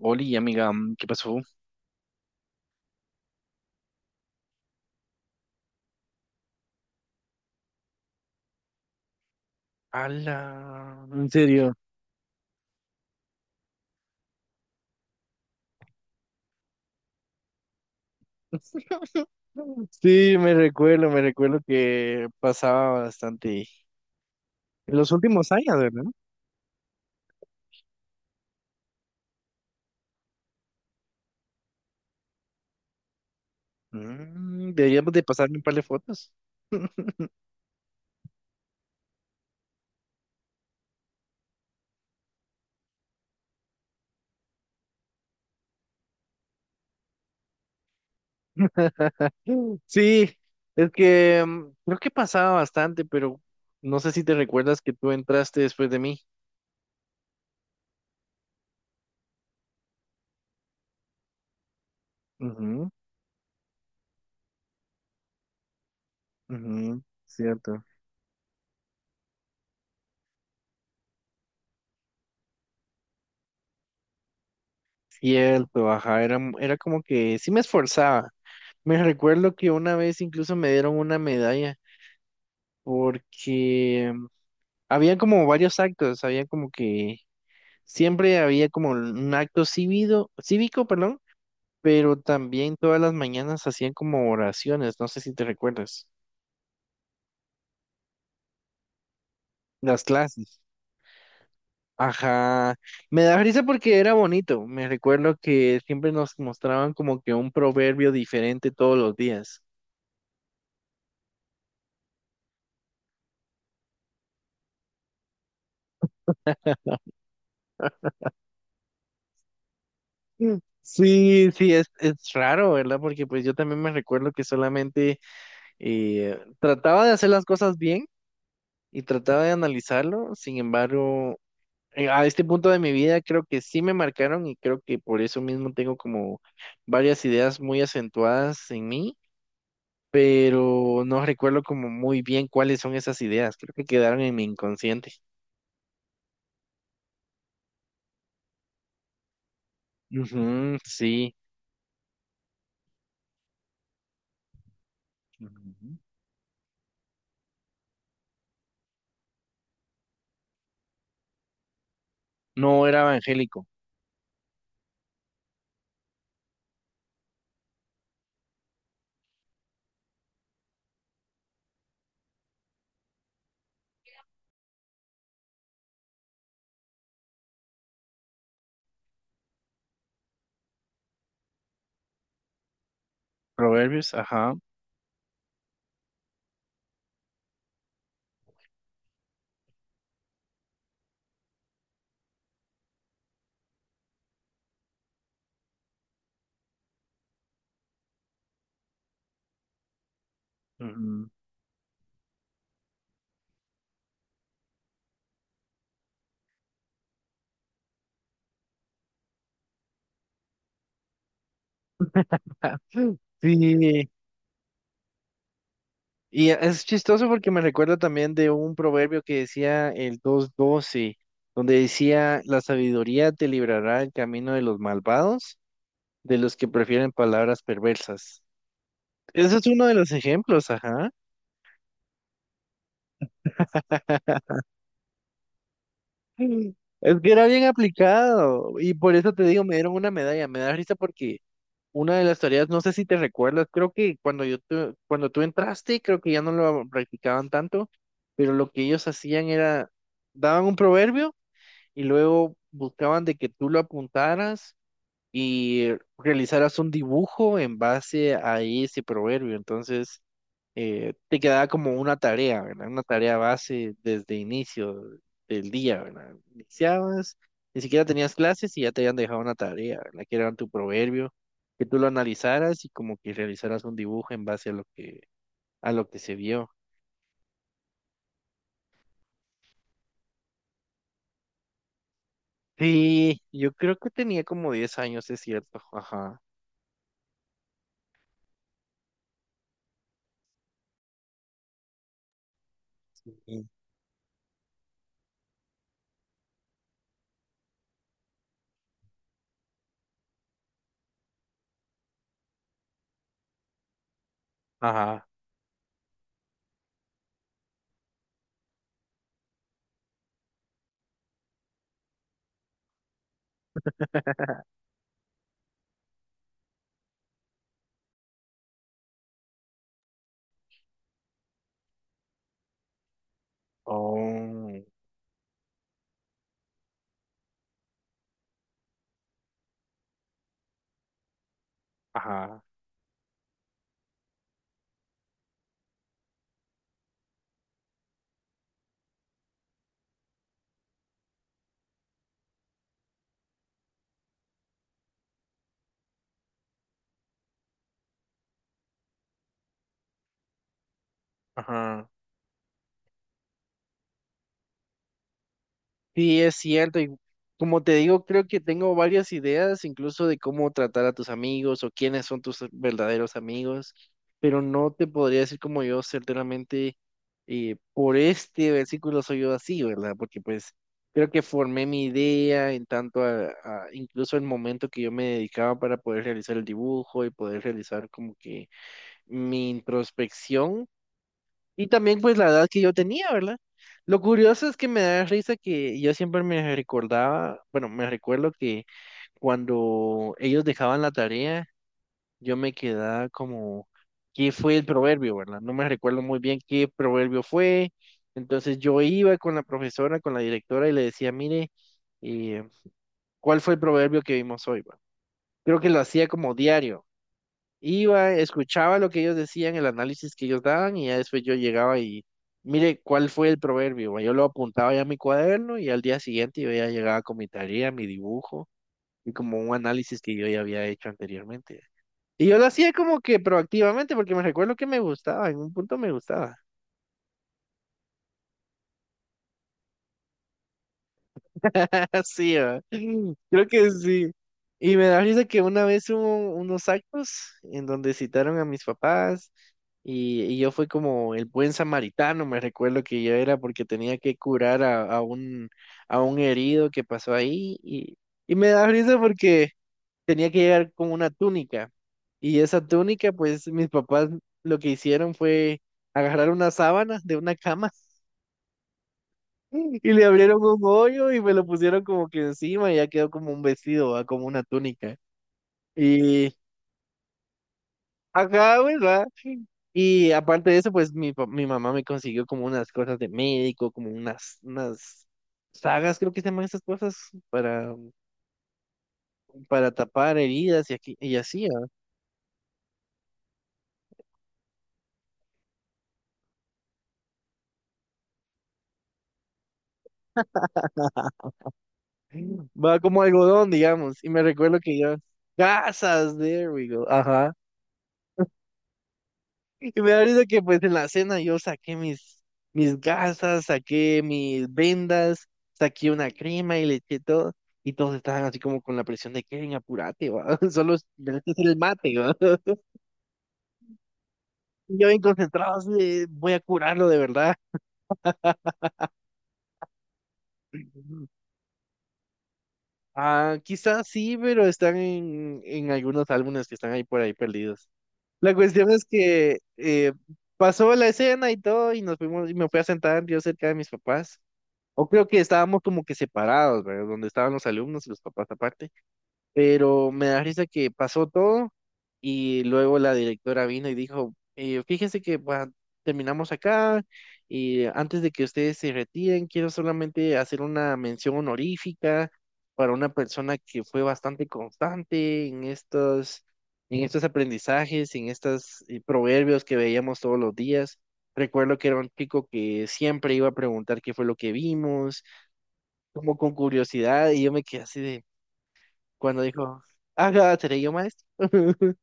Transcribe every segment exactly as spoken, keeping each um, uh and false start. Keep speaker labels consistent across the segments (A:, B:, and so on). A: Oli, amiga, mm, ¿qué pasó? Ala, en serio. Sí, me recuerdo, me recuerdo que pasaba bastante en los últimos años, ¿verdad? Mm, deberíamos de pasarme un par de fotos. Sí, es que mm, creo que pasaba bastante, pero no sé si te recuerdas que tú entraste después de mí. Ujú, ujú, cierto. Cierto, ajá, era, era como que sí me esforzaba. Me recuerdo que una vez incluso me dieron una medalla, porque mm, había como varios actos, había como que siempre había como un acto cívico, cívico, perdón, pero también todas las mañanas hacían como oraciones, no sé si te recuerdas, las clases. Ajá, me da risa porque era bonito, me recuerdo que siempre nos mostraban como que un proverbio diferente todos los días. Mm. Sí, sí, es, es raro, ¿verdad? Porque pues yo también me recuerdo que solamente eh, trataba de hacer las cosas bien, y trataba de analizarlo. Sin embargo, eh, a este punto de mi vida creo que sí me marcaron y creo que por eso mismo tengo como varias ideas muy acentuadas en mí, pero no recuerdo como muy bien cuáles son esas ideas. Creo que quedaron en mi inconsciente. Ujú, sí. Ujú, no era evangélico. Proverbios, ajá. Ujú. Sí, y es chistoso porque me recuerda también de un proverbio que decía el dos doce, donde decía, la sabiduría te librará el camino de los malvados, de los que prefieren palabras perversas. Ese es uno de los ejemplos, ajá. Mm. Es que era bien aplicado y por eso te digo, me dieron una medalla. Me da risa porque una de las tareas, no sé si te recuerdas, creo que cuando yo tu- cuando tú entraste, creo que ya no lo practicaban tanto, pero lo que ellos hacían era, daban un proverbio y luego buscaban de que tú lo apuntaras y realizaras un dibujo en base a ese proverbio. Entonces, eh, te quedaba como una tarea, ¿verdad? Una tarea base desde inicio del día, ¿verdad? Iniciabas, ni siquiera tenías clases y ya te habían dejado una tarea, ¿verdad? Que era tu proverbio, que tú lo analizaras y como que realizaras un dibujo en base a lo que, a lo que se vio. Sí, yo creo que tenía como diez años, es cierto. Ajá. Sí. Ajá. Oh, ajá, ajá. Sí, es cierto. Y como te digo, creo que tengo varias ideas, incluso de cómo tratar a tus amigos o quiénes son tus verdaderos amigos, pero no te podría decir como yo, certeramente, eh, por este versículo soy yo así, ¿verdad? Porque pues creo que formé mi idea en tanto a, a- incluso el momento que yo me dedicaba para poder realizar el dibujo y poder realizar como que mi introspección. Y también pues la edad que yo tenía, ¿verdad? Lo curioso es que me da risa que yo siempre me recordaba, bueno, me recuerdo que cuando ellos dejaban la tarea, yo me quedaba como, ¿qué fue el proverbio, verdad? No me recuerdo muy bien qué proverbio fue. Entonces yo iba con la profesora, con la directora y le decía, mire, eh, ¿cuál fue el proverbio que vimos hoy, va? Creo que lo hacía como diario. Iba, escuchaba lo que ellos decían, el análisis que ellos daban, y ya después yo llegaba y, mire, ¿cuál fue el proverbio, ma? Yo lo apuntaba ya en mi cuaderno y al día siguiente yo ya llegaba con mi tarea, mi dibujo y como un análisis que yo ya había hecho anteriormente. Y yo lo hacía como que proactivamente porque me recuerdo que me gustaba, en un punto me gustaba. Así, ¿verdad? Creo que sí. Y me da risa que una vez hubo unos actos en donde citaron a mis papás y, y yo fui como el buen samaritano, me recuerdo que yo era porque tenía que curar a, a un, a un herido que pasó ahí y, y me da risa porque tenía que llegar con una túnica y esa túnica pues mis papás lo que hicieron fue agarrar una sábana de una cama y le abrieron un hoyo y me lo pusieron como que encima y ya quedó como un vestido, ¿va? Como una túnica. Y, ajá, pues, ¿va? Y aparte de eso, pues mi, pa- mi mamá me consiguió como unas cosas de médico, como unas, unas, sagas, creo que se llaman esas cosas, para, para tapar heridas y, aquí, y así, ¿va? Va como algodón, digamos. Y me recuerdo que yo, gasas, there we go, ajá. Y me da risa que pues en la cena yo saqué mis, mis gasas, saqué mis vendas, saqué una crema y le eché todo. Y todos estaban así como con la presión de Kevin, apurate, va. Solo es tenés que hacer el mate, va. Y Yo bien concentrado, así de, voy a curarlo de verdad. Ah, quizás sí, pero están en, en algunos álbumes que están ahí por ahí perdidos. La cuestión es que eh, pasó la escena y todo, y nos fuimos, y me fui a sentar yo cerca de mis papás. O creo que estábamos como que separados, ¿verdad? Donde estaban los alumnos y los papás aparte. Pero me da risa que pasó todo y luego la directora vino y dijo, eh, fíjense que pues, terminamos acá y antes de que ustedes se retiren, quiero solamente hacer una mención honorífica para una persona que fue bastante constante en estos, en estos aprendizajes, en estos eh, proverbios que veíamos todos los días. Recuerdo que era un chico que siempre iba a preguntar qué fue lo que vimos, como con curiosidad, y yo me quedé así de cuando dijo, ah, seré yo maestro.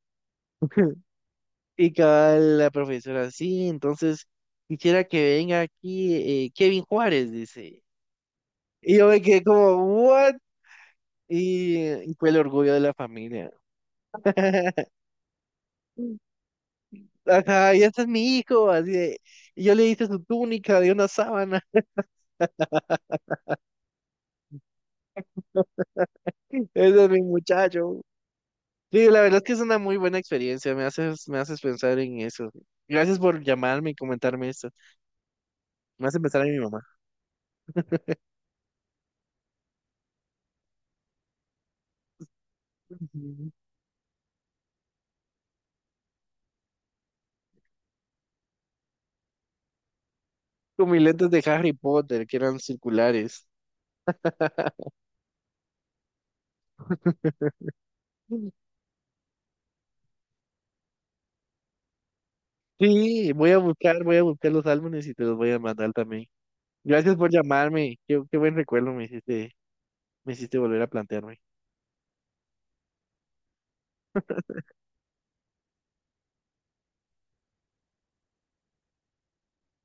A: Y cabal la profesora, sí, entonces quisiera que venga aquí eh, Kevin Juárez, dice. Y yo me quedé como, ¿what? Y, y fue el orgullo de la familia. Ajá, y este es mi hijo, así de, y yo le hice su túnica de una sábana. Ese es mi muchacho. Sí, la verdad es que es una muy buena experiencia, me haces, me haces pensar en eso. Gracias por llamarme y comentarme esto. Me hace pensar en mi mamá. Ujú. Con mis lentes de Harry Potter, que eran circulares. Sí, voy a buscar, voy a buscar los álbumes y te los voy a mandar también. Gracias por llamarme. Qué, qué buen recuerdo me hiciste, me hiciste volver a plantearme.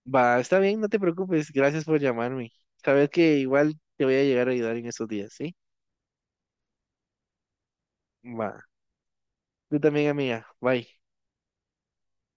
A: Va, está bien, no te preocupes. Gracias por llamarme. Sabes que igual te voy a llegar a ayudar en esos días, ¿sí? Va. Tú también, amiga. Bye.